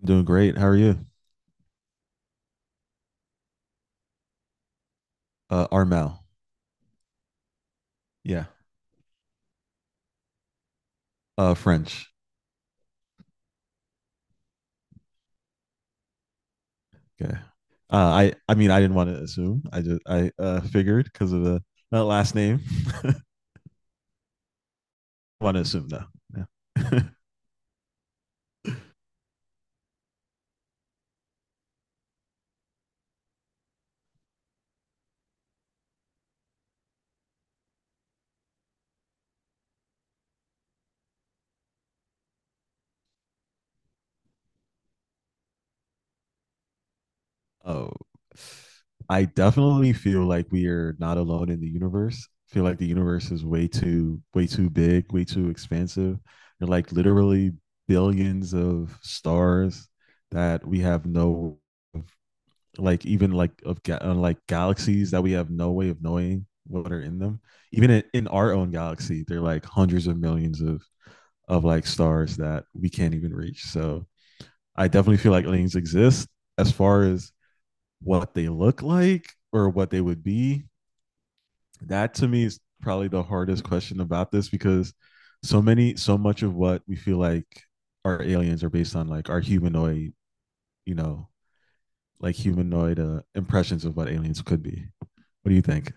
I'm doing great. How are you? Armel. Yeah. French. Okay. I mean I didn't want to assume. I figured because of the that last name. Want to assume though. Yeah. Oh, I definitely feel like we are not alone in the universe. I feel like the universe is way too big, way too expansive. There are like literally billions of stars that we have no of like even like of like galaxies that we have no way of knowing what are in them. Even in our own galaxy, there are like hundreds of millions of like stars that we can't even reach. So I definitely feel like aliens exist. As far as what they look like or what they would be, that to me is probably the hardest question about this because so much of what we feel like our aliens are based on like our humanoid, you know, like humanoid impressions of what aliens could be. What do you think?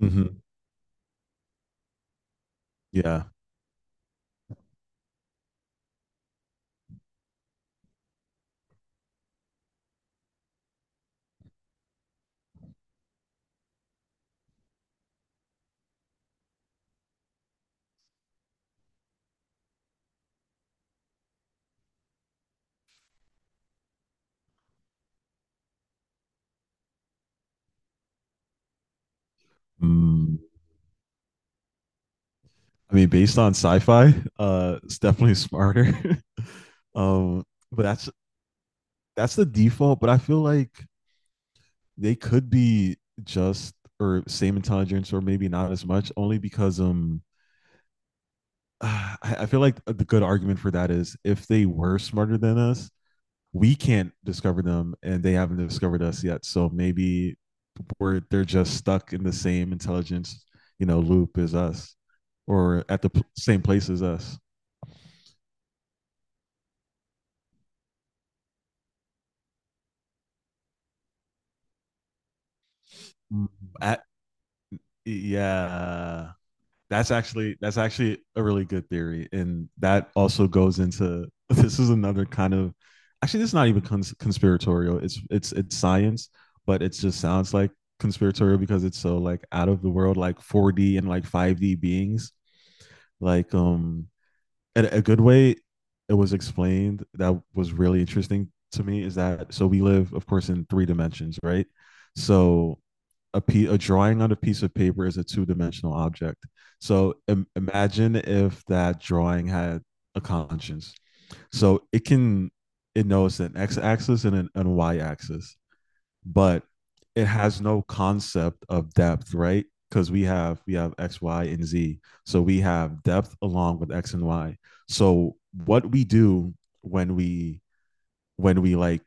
Mhm. Yeah. Mm. I mean, based on sci-fi, it's definitely smarter. Um, but that's the default. But I feel like they could be just or same intelligence, or maybe not as much, only because I feel like the good argument for that is if they were smarter than us, we can't discover them, and they haven't discovered us yet. So maybe where they're just stuck in the same intelligence, loop as us, or at the same place as us. At, yeah, that's actually a really good theory, and that also goes into, this is another kind of, actually this is not even conspiratorial. It's science, but it just sounds like conspiratorial because it's so like out of the world, like 4D and like 5D beings, like um and a good way it was explained that was really interesting to me is that so we live, of course, in three dimensions, right? So a drawing on a piece of paper is a two dimensional object. So imagine if that drawing had a conscience. So it knows an x axis and and a y axis, but it has no concept of depth, right? Because we have X, Y, and Z. So we have depth along with X and Y. So what we do when we like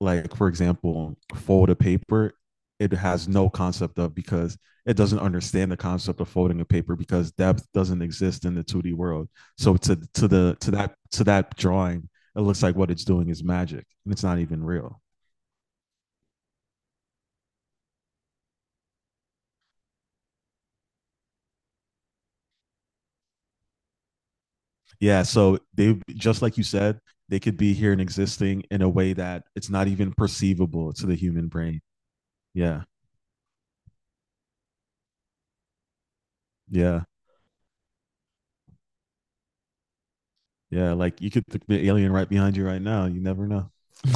like for example fold a paper, it has no concept of, because it doesn't understand the concept of folding a paper because depth doesn't exist in the 2D world. So to that drawing, it looks like what it's doing is magic, and it's not even real. Yeah, so they just like you said, they could be here and existing in a way that it's not even perceivable to the human brain. Yeah, yeah, yeah. Like, the alien right behind you right now. You never know.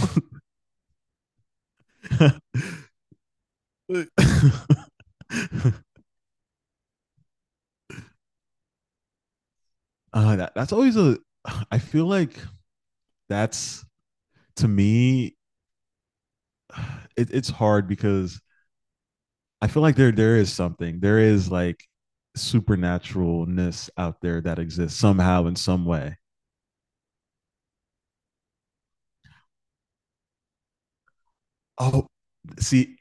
uh, that's always a. I feel like that's to me. It's hard because I feel like there is something. There is like supernaturalness out there that exists somehow in some way. Oh, see,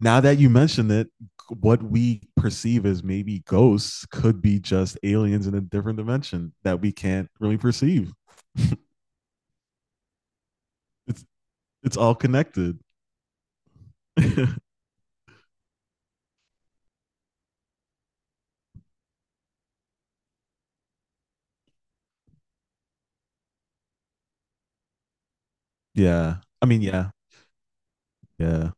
now that you mention it, what we perceive as maybe ghosts could be just aliens in a different dimension that we can't really perceive. It's it's all connected. yeah. I mean, yeah, yeah.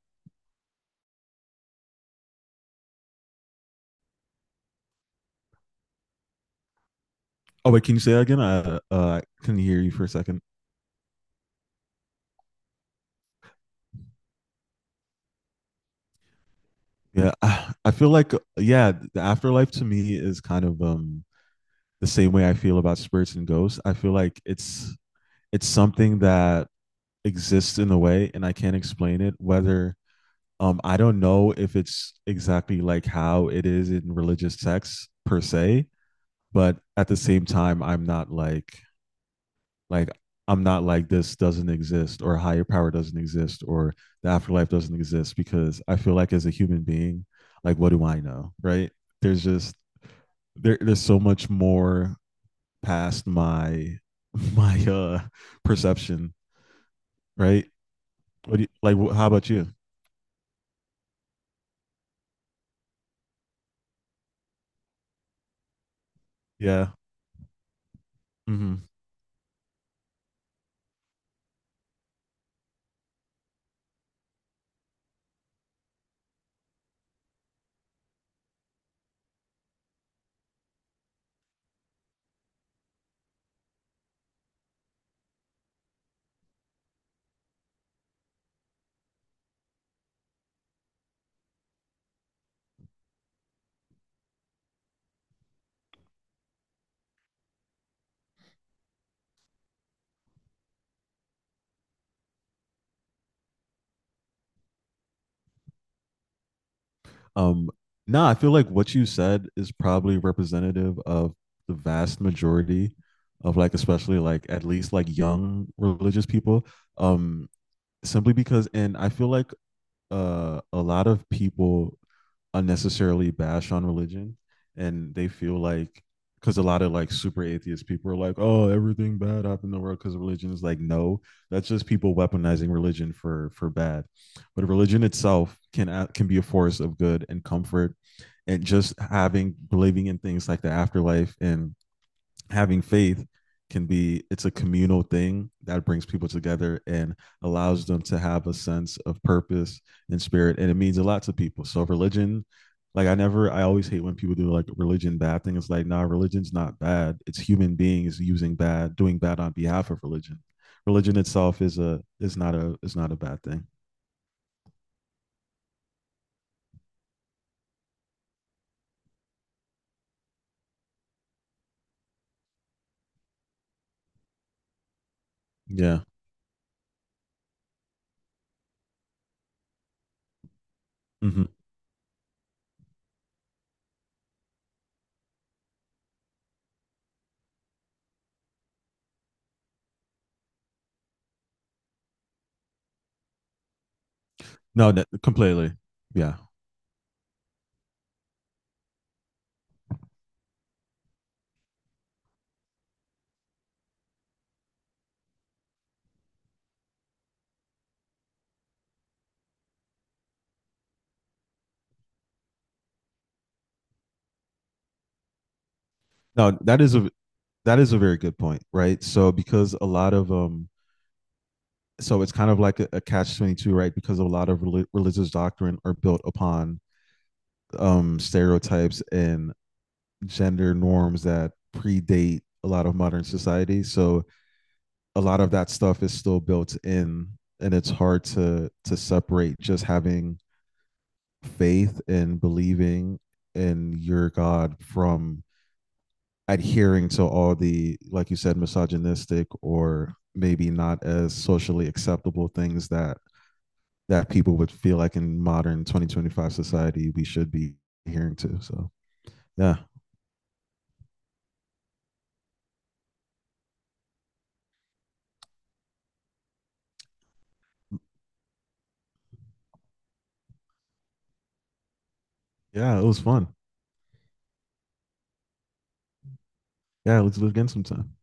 Oh wait, can you say that again? I couldn't hear you for a second. Yeah, I feel like, yeah, the afterlife to me is kind of the same way I feel about spirits and ghosts. I feel like it's something that exists in a way, and I can't explain it. Whether I don't know if it's exactly like how it is in religious sects per se, but at the same time, I'm not like, like this doesn't exist or higher power doesn't exist or the afterlife doesn't exist, because I feel like, as a human being, like what do I know, right? There's just there there's so much more past my my perception, right? Like, how about you? Yeah. hmm Um, nah, I feel like what you said is probably representative of the vast majority of like, especially like at least like young religious people. Um, Simply because, and I feel like, a lot of people unnecessarily bash on religion, and they feel like, because a lot of like super atheist people are like, oh, everything bad happened in the world because of religion. Is like, no, that's just people weaponizing religion for bad. But religion itself can be a force of good and comfort, and just having, believing in things like the afterlife and having faith can be it's a communal thing that brings people together and allows them to have a sense of purpose and spirit, and it means a lot to people. So religion, like I never I always hate when people do like religion bad thing. It's like, nah, religion's not bad. It's human beings using bad, doing bad on behalf of Religion itself is a is not a is not a bad thing. Yeah. Mm-hmm. No, that, completely, yeah. No, that is a very good point, right, so because a lot of so it's kind of like a catch 22, right, because a lot of religious doctrine are built upon stereotypes and gender norms that predate a lot of modern society, so a lot of that stuff is still built in, and it's hard to separate just having faith and believing in your god from adhering to all the, like you said, misogynistic or maybe not as socially acceptable things that people would feel like in modern 2025 society we should be adhering to. So yeah, yeah, it was fun. Yeah, let's do it again sometime.